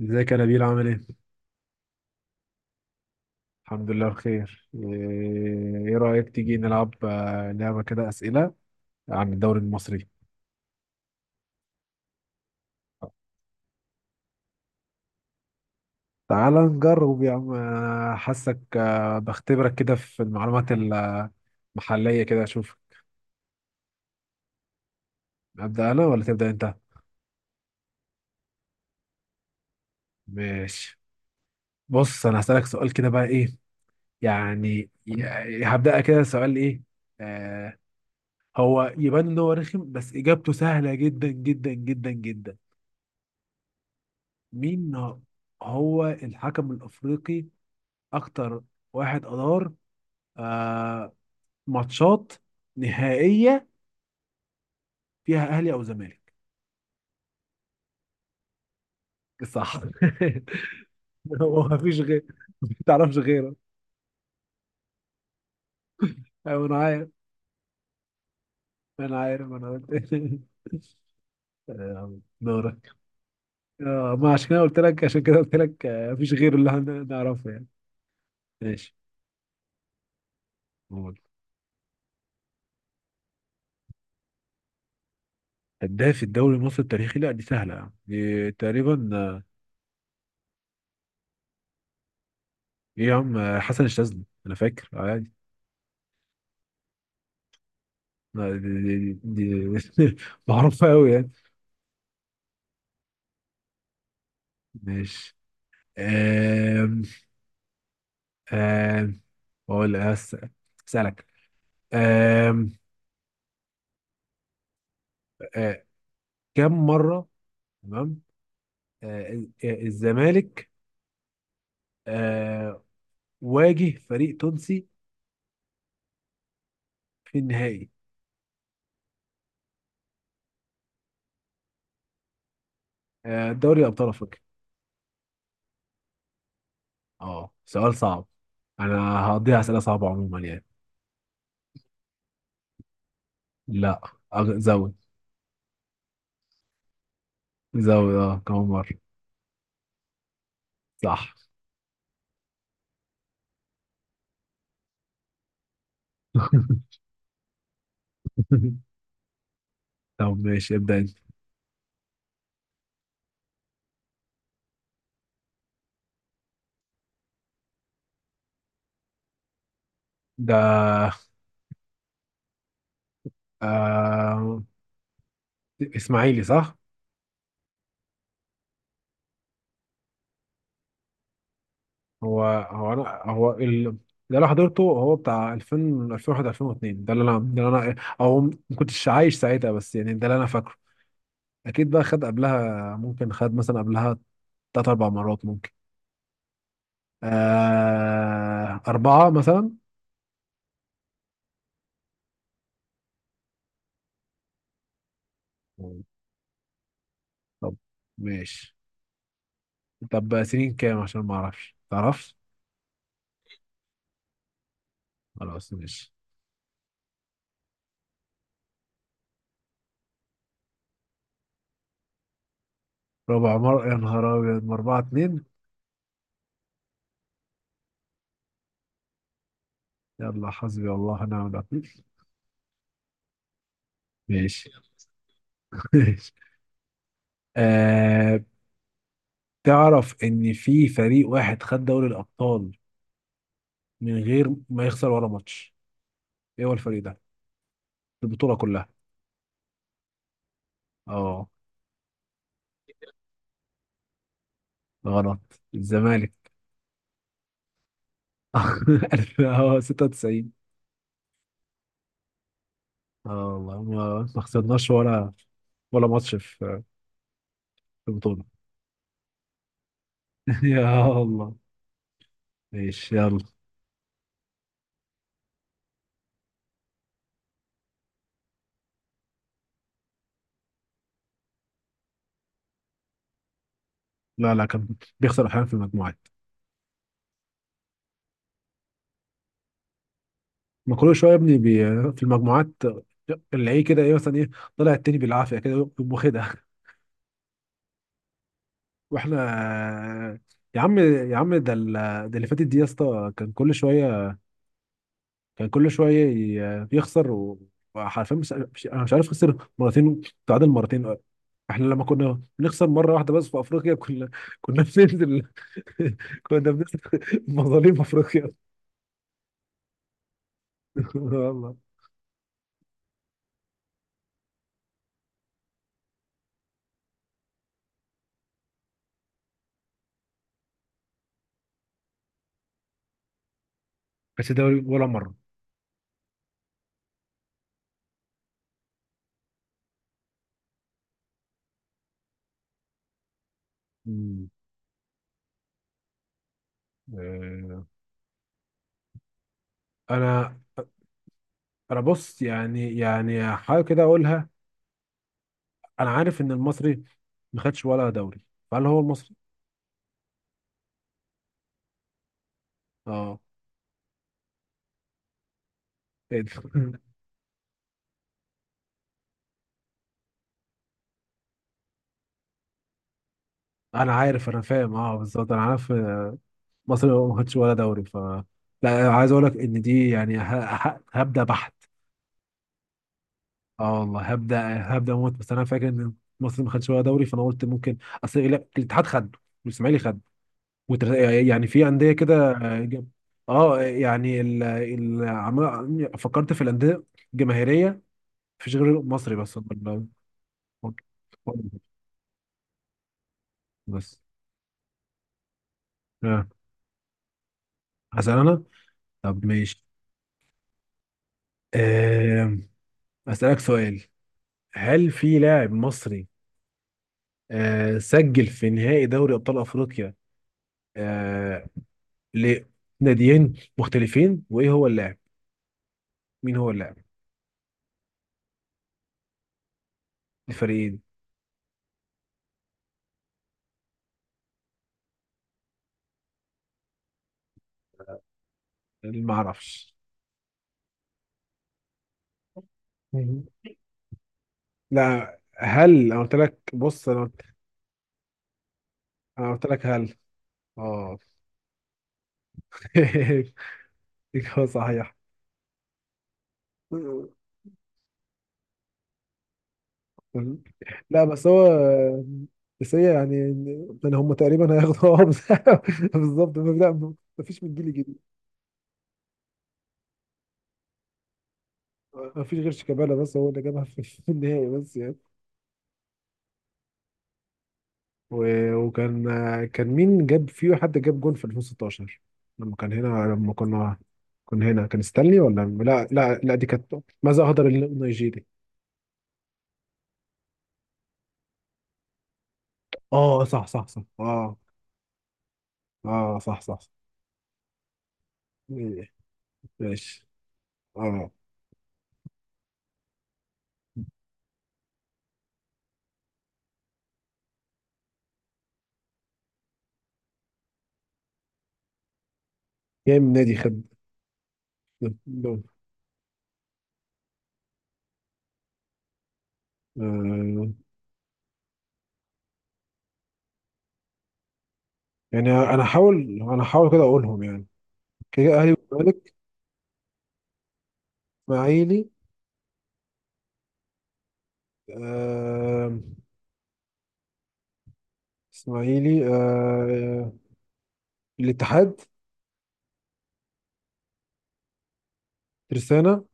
ازيك يا نبيل عامل ايه؟ الحمد لله بخير. إيه رأيك تيجي نلعب، لعبة كده أسئلة عن الدوري المصري. تعال نجرب يا عم، أنا حاسك، بختبرك كده في المعلومات المحلية كده أشوف. أبدأ أنا ولا تبدأ أنت؟ ماشي. بص، أنا هسألك سؤال كده بقى إيه يعني هبدأ كده سؤال إيه. آه هو يبان إن هو رخم، بس إجابته سهلة جدا جدا جدا جدا. مين هو الحكم الأفريقي اكتر واحد ادار آه ماتشات نهائيه فيها اهلي او زمالك؟ صح. هو مفيش غير؟ ما تعرفش غيره؟ أيوة، انا عارف، انا عارف، انا قلت. دورك. ما عشان كده قلت لك، عشان كده قلت لك مفيش غيره اللي نعرفه يعني. ماشي. قول. هداف الدوري المصري التاريخي؟ لا دي سهله يعني، دي تقريبا، ايه يا عم، حسن الشاذلي، انا فاكر عادي. لا، دي معروفه قوي يعني. ماشي. أم أم بقول أس- اسالك. أم أه، كم مره، تمام، أه، الزمالك أه، واجه فريق تونسي في النهائي، دوري ابطال افريقيا؟ اه سؤال صعب. انا هقضيها اسئله صعبه عموما يعني. لا زود، زود. اه كم مره؟ صح. طب ماشي، ابدا انت. ده آه... اسماعيلي صح. هو هو انا هو ده اللي انا حضرته، هو بتاع 2000 2001 2002. ده اللي انا او ما كنتش عايش ساعتها، بس يعني ده اللي انا فاكره. اكيد بقى خد قبلها، ممكن خد مثلا قبلها تلات اربع مرات ممكن. اربعة مثلا. مم. طب ماشي. طب سنين كام عشان ما اعرفش تعرفش. خلاص ماشي. ربع مرة يا نهار ابيض، ما 4-2. يلا حسبي الله ونعم الوكيل. ماشي. ماشي. آه تعرف ان في فريق واحد خد دوري الابطال من غير ما يخسر ولا ماتش؟ ايه هو الفريق ده؟ البطوله كلها. اه غلط، الزمالك. 96. اه والله ما خسرناش ولا ماتش في البطوله. يا الله. ماشي يلا. لا لا، كان بيخسر احيانا في المجموعات. ما كل شويه يا ابني، في المجموعات، اللي ايه كده، ايه مثلا، ايه، طلع التاني بالعافيه كده يقوم واخدها. واحنا يا عم، يا عم، ده اللي فاتت دي يا اسطى، كان كل شويه، كان كل شويه يخسر وحرفيا انا مش عارف، خسر مرتين، تعادل مرتين. احنا لما كنا بنخسر مره واحده بس في افريقيا، كنا كنا بننزل. كنا بننزل مظالم افريقيا. والله. بس دوري ولا مره؟ مم. آه، انا، بص يعني، حاجه كده اقولها. انا عارف ان المصري ما خدش ولا دوري، فهل هو المصري؟ اه. إيه ده؟ انا عارف، انا فاهم، اه بالظبط، انا عارف. مصر ما خدتش ولا دوري لا، عايز اقول لك ان دي يعني، هبدا بحت. اه والله هبدا، هبدا موت، بس انا فاكر ان مصر ما خدتش ولا دوري، فانا قلت ممكن. اصل لا، الاتحاد خد، والاسماعيلي خد والتر- يعني في انديه كده، اه يعني فكرت في الانديه الجماهيريه. مفيش غير مصري بس. بس. آه. هسأل انا. طب ماشي. آه، أسألك سؤال. هل في لاعب مصري سجل في نهائي دوري ابطال افريقيا آه لناديين مختلفين، وايه هو اللاعب؟ مين هو اللاعب؟ الفريقين. ما اعرفش؟ مم. لا، هل انا قلت لك؟ بص، انا قلت، أنا قلت لك هل؟ اه. إجابة صحيح. لا بس هو، بس هي يعني، يعني هم تقريبا هياخدوا. اه بالظبط. لا، مفيش من جيل جديد. مفيش غير شيكابالا، بس هو اللي جابها في النهائي بس يعني. وكان، كان مين جاب فيه؟ حد جاب جون في 2016 لما كان هنا، لما كنا، كنا هنا. كان ستانلي ولا، لا لا لا، دي كانت ماذا أهدر النيجيري. اه صح صح صح اه. اه صح صح, صح. ماشي. اه كام نادي خد دول؟ آه. يعني انا هحاول، كده اقولهم يعني. كده، اهلي والزمالك، اسماعيلي. آه. اسماعيلي آه. الاتحاد، ترسانة.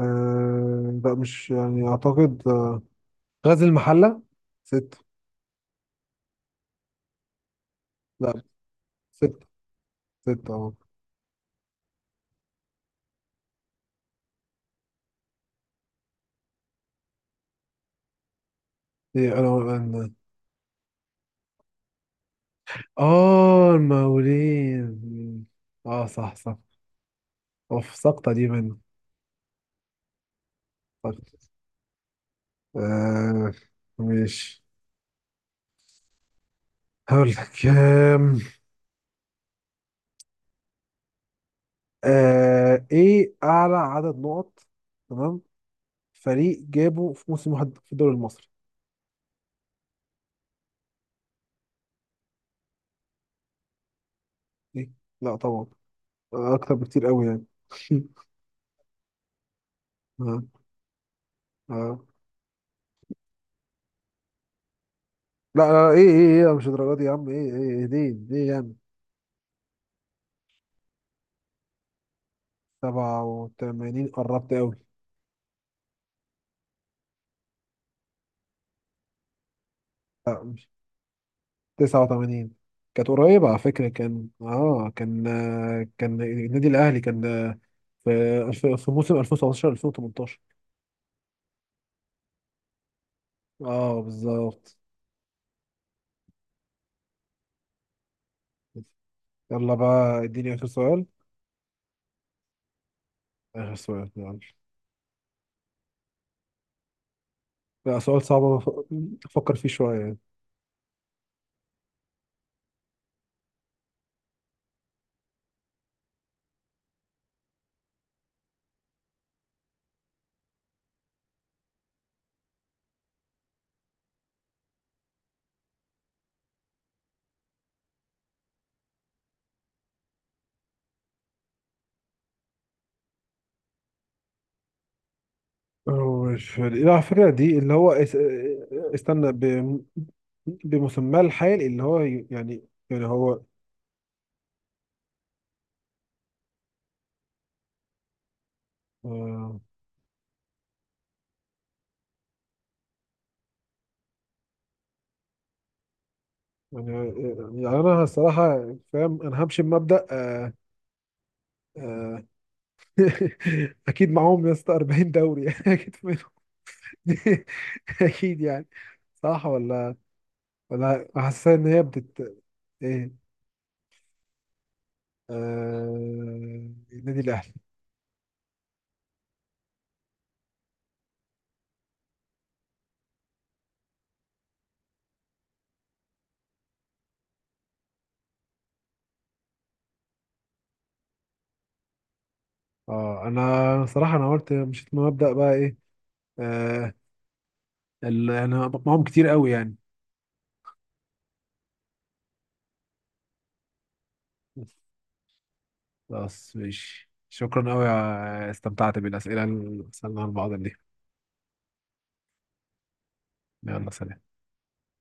آه لا، مش يعني، أعتقد غزل المحلة، ستة. لا ستة، ستة اه. إيه؟ أنا آه المقاولين. آه صح صح. أوف سقطة دي مني. سقطة. آه ماشي. هقول لك إيه أعلى عدد نقط، تمام، فريق جابه في موسم واحد في الدوري المصري. إيه؟ لا طبعا، أكتر بكتير قوي يعني. آه. آه لا لا ايه ايه ايه لا، مش الدرجات دي يا عم، ايه ايه دي جامد. 87 قربت قوي. لا مش، 89 كانت قريبة على فكرة، كان كان النادي الأهلي، كان في في موسم 2017 2018. اه بالظبط. يلا بقى، اديني آخر سؤال. آخر سؤال يلا. لا سؤال صعب، أفكر فيه شوية. هو الفريق، لا الفكرة دي اللي هو استنى، بمسماه الحال اللي هو يعني، هو آه، انا الصراحة فاهم، انا همشي بمبدأ، آه، اكيد معاهم يا اسطى 40 دوري. اكيد منهم. اكيد يعني، صح ولا، ولا حاسس ان هي بتت؟ ايه. النادي الاهلي. اه انا صراحه، انا قلت مشيت من مبدأ بقى ايه، آه، انا بقمعهم كتير قوي يعني. خلاص ماشي، شكرا قوي. استمتعت بالاسئله اللي سالناها لبعض دي. يلا سلام.